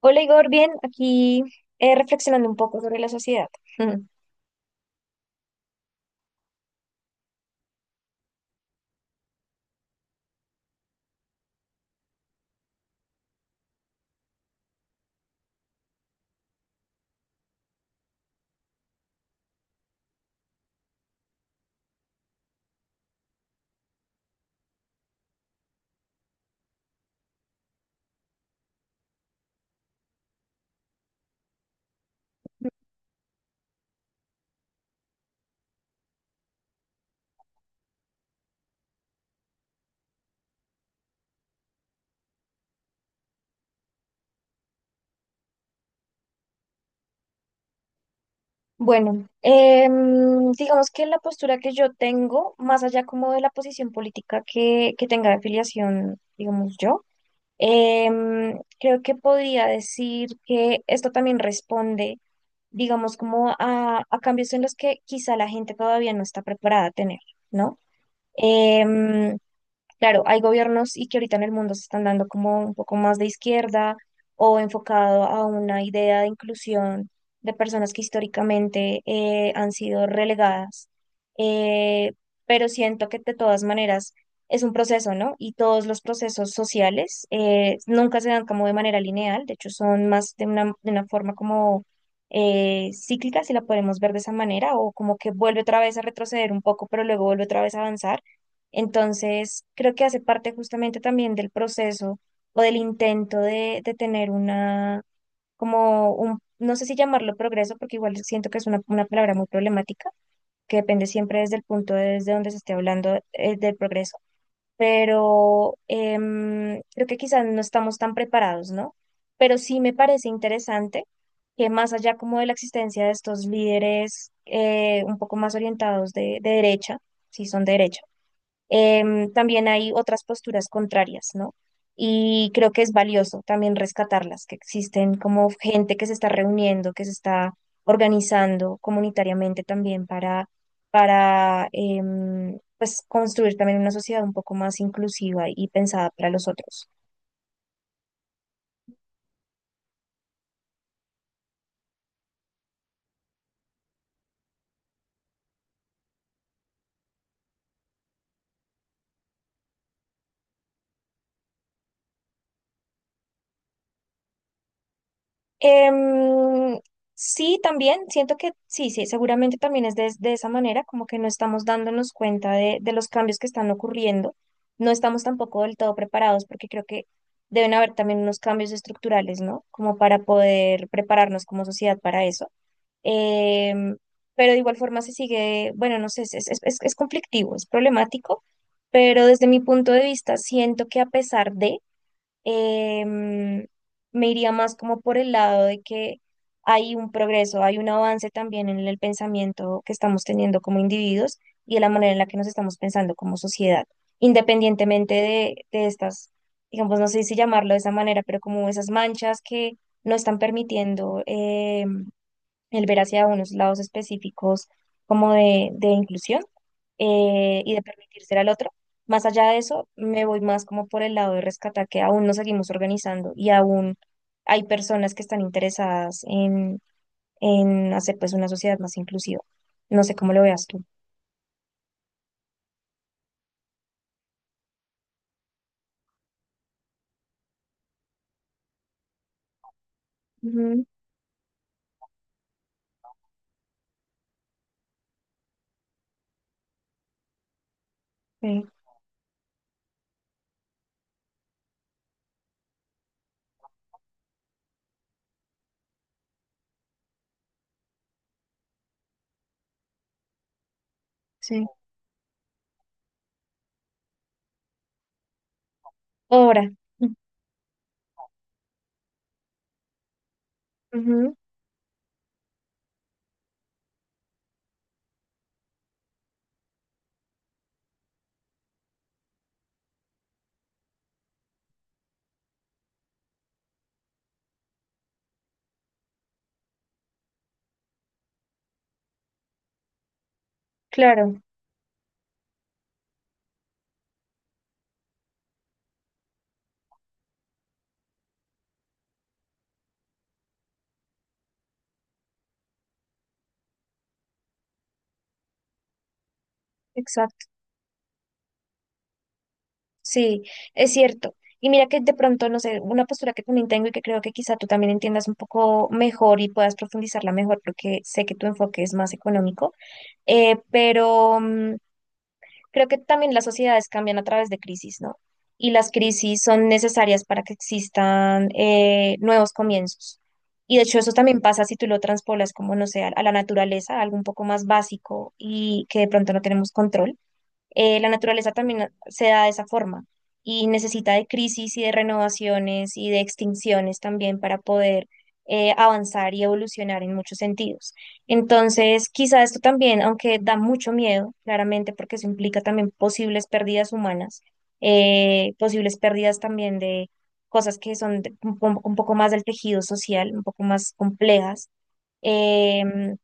Hola Igor, bien, aquí reflexionando un poco sobre la sociedad. Ujú. Bueno, digamos que la postura que yo tengo, más allá como de la posición política que tenga de afiliación, digamos yo, creo que podría decir que esto también responde, digamos, como a cambios en los que quizá la gente todavía no está preparada a tener, ¿no? Em, Claro, hay gobiernos y que ahorita en el mundo se están dando como un poco más de izquierda o enfocado a una idea de inclusión de personas que históricamente han sido relegadas. Eh, pero siento que de todas maneras es un proceso, ¿no? Y todos los procesos sociales nunca se dan como de manera lineal, de hecho son más de una forma como cíclica, si la podemos ver de esa manera, o como que vuelve otra vez a retroceder un poco, pero luego vuelve otra vez a avanzar. Entonces, creo que hace parte justamente también del proceso o del intento de tener una, como un, no sé si llamarlo progreso, porque igual siento que es una palabra muy problemática, que depende siempre desde el punto de- desde donde se esté hablando del progreso, pero creo que quizás no estamos tan preparados, ¿no? Pero sí me parece interesante que más allá como de la existencia de estos líderes un poco más orientados de derecha, si son de derecha, también hay otras posturas contrarias, ¿no? Y creo que es valioso también rescatarlas, que existen como gente que se está reuniendo, que se está organizando comunitariamente también para pues construir también una sociedad un poco más inclusiva y pensada para los otros. Em, sí, también siento que sí, sí, seguramente también es de esa manera, como que no estamos dándonos cuenta de los cambios que están ocurriendo, no estamos tampoco del todo preparados porque creo que deben haber también unos cambios estructurales, ¿no? Como para poder prepararnos como sociedad para eso. Em, pero de igual forma se sigue, bueno, no sé, es conflictivo, es problemático, pero desde mi punto de vista siento que a pesar de em, me iría más como por el lado de que hay un progreso, hay un avance también en el pensamiento que estamos teniendo como individuos y de la manera en la que nos estamos pensando como sociedad, independientemente de estas, digamos, no sé si llamarlo de esa manera, pero como esas manchas que no están permitiendo el ver hacia unos lados específicos como de inclusión y de permitirse al otro. Más allá de eso, me voy más como por el lado de rescatar que aún nos seguimos organizando y aún hay personas que están interesadas en hacer pues una sociedad más inclusiva. No sé cómo lo veas tú. Ujú. Sí, sí. Ahora, ujú, claro, exacto. Sí, es cierto. Y mira que de pronto, no sé, una postura que también tengo y que creo que quizá tú también entiendas un poco mejor y puedas profundizarla mejor porque sé que tu enfoque es más económico. Eh, pero mm, creo que también las sociedades cambian a través de crisis, ¿no? Y las crisis son necesarias para que existan nuevos comienzos. Y de hecho eso también pasa si tú lo transpolas como, no sé, a la naturaleza, algo un poco más básico y que de pronto no tenemos control. La naturaleza también se da de esa forma y necesita de crisis y de renovaciones y de extinciones también para poder avanzar y evolucionar en muchos sentidos. Entonces, quizá esto también, aunque da mucho miedo, claramente, porque eso implica también posibles pérdidas humanas, posibles pérdidas también de cosas que son de- un, po- un poco más del tejido social, un poco más complejas. em,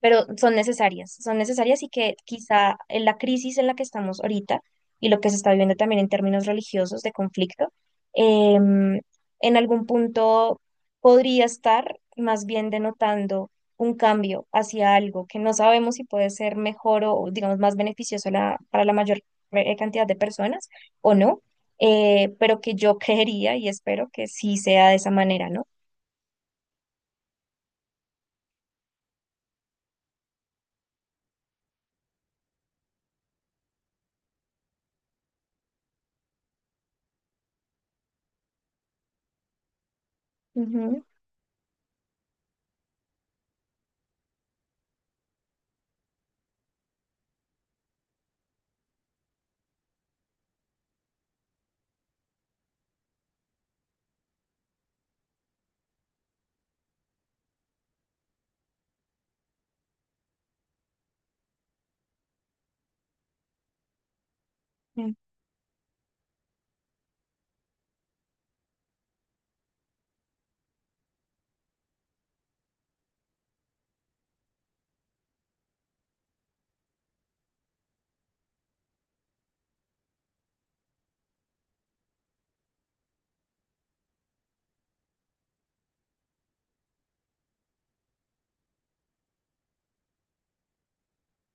pero son necesarias y que quizá en la crisis en la que estamos ahorita y lo que se está viviendo también en términos religiosos de conflicto, em, en algún punto podría estar más bien denotando un cambio hacia algo que no sabemos si puede ser mejor o, digamos, más beneficioso la- para la mayor cantidad de personas o no, pero que yo creería y espero que sí sea de esa manera, ¿no? Ujú,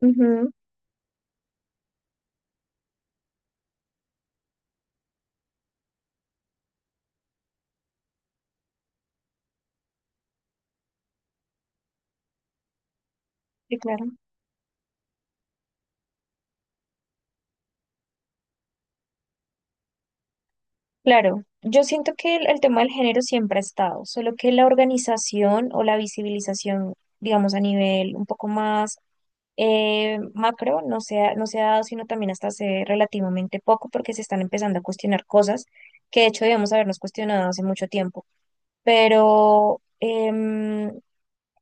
ujú, sí, claro. Claro, yo siento que el tema del género siempre ha estado, solo que la organización o la visibilización, digamos, a nivel un poco más macro, no se ha, no se ha dado, sino también hasta hace relativamente poco, porque se están empezando a cuestionar cosas que de hecho debemos habernos cuestionado hace mucho tiempo. Pero,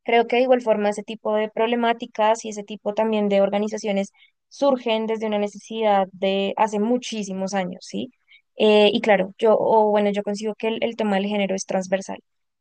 creo que de igual forma ese tipo de problemáticas y ese tipo también de organizaciones surgen desde una necesidad de hace muchísimos años, ¿sí? Y claro, yo, o bueno, yo consigo que el tema del género es transversal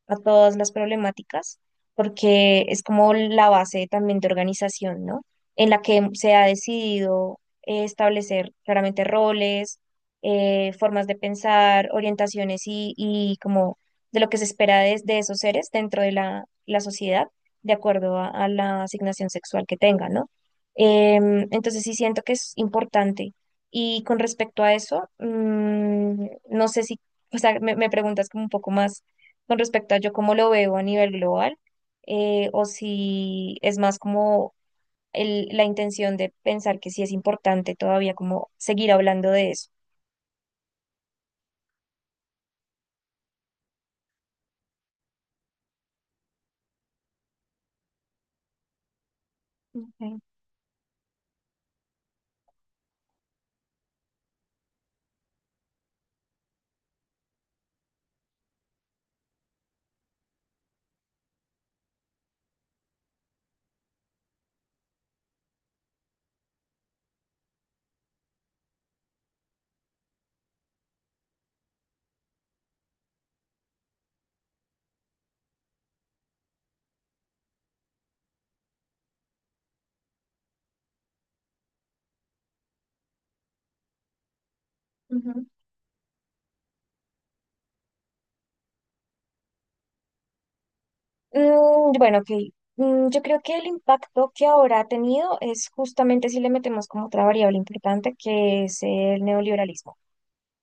a todas las problemáticas, porque es como la base también de organización, ¿no? En la que se ha decidido establecer claramente roles, formas de pensar, orientaciones y como de lo que se espera de esos seres dentro de la la sociedad de acuerdo a la asignación sexual que tenga, ¿no? Entonces sí siento que es importante. Y con respecto a eso, mm, no sé si, o sea, me preguntas como un poco más con respecto a yo cómo lo veo a nivel global, o si es más como el- la intención de pensar que sí es importante todavía como seguir hablando de eso. Ok. Mm, bueno, ok. Mm, yo creo que el impacto que ahora ha tenido es justamente si le metemos como otra variable importante, que es el neoliberalismo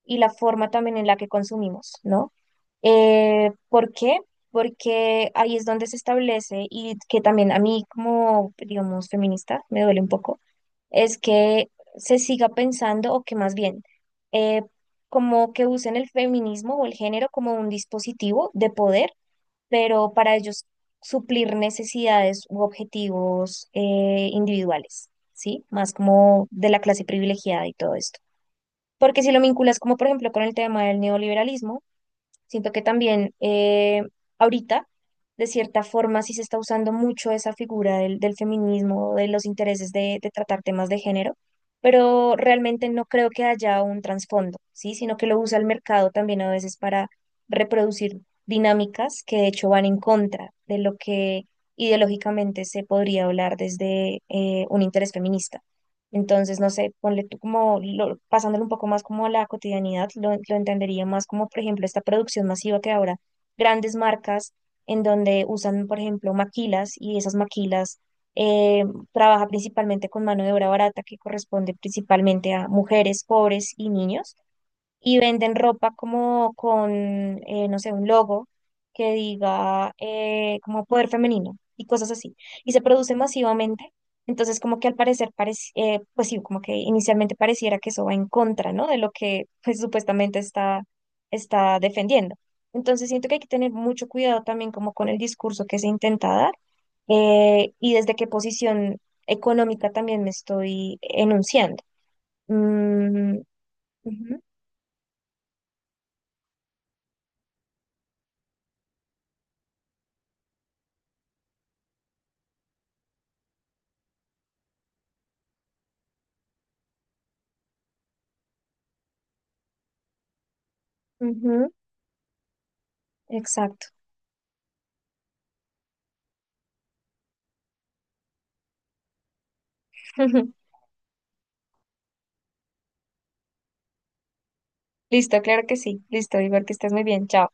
y la forma también en la que consumimos, ¿no? ¿Por qué? Porque ahí es donde se establece y que también a mí como, digamos, feminista me duele un poco, es que se siga pensando o que más bien... eh, como que usen el feminismo o el género como un dispositivo de poder pero para ellos suplir necesidades u objetivos individuales, ¿sí? Más como de la clase privilegiada y todo esto. Porque si lo vinculas como por ejemplo con el tema del neoliberalismo, siento que también ahorita, de cierta forma, sí se está usando mucho esa figura del, del feminismo, de los intereses de tratar temas de género, pero realmente no creo que haya un trasfondo, ¿sí? Sino que lo usa el mercado también a veces para reproducir dinámicas que de hecho van en contra de lo que ideológicamente se podría hablar desde un interés feminista. Entonces, no sé, ponle tú como, lo- pasándolo un poco más como a la cotidianidad, lo entendería más como, por ejemplo, esta producción masiva que ahora grandes marcas en donde usan, por ejemplo, maquilas y esas maquilas eh, trabaja principalmente con mano de obra barata que corresponde principalmente a mujeres, pobres y niños y venden ropa como con, no sé, un logo que diga como poder femenino y cosas así. Y se produce masivamente. Entonces, como que al parecer, parec- pues sí, como que inicialmente pareciera que eso va en contra, ¿no? De lo que pues supuestamente está, está defendiendo. Entonces, siento que hay que tener mucho cuidado también como con el discurso que se intenta dar y desde qué posición económica también me estoy enunciando. Mm, ujú, ujú. Exacto. Listo, claro que sí. Listo, Igor, que estés muy bien. Chao.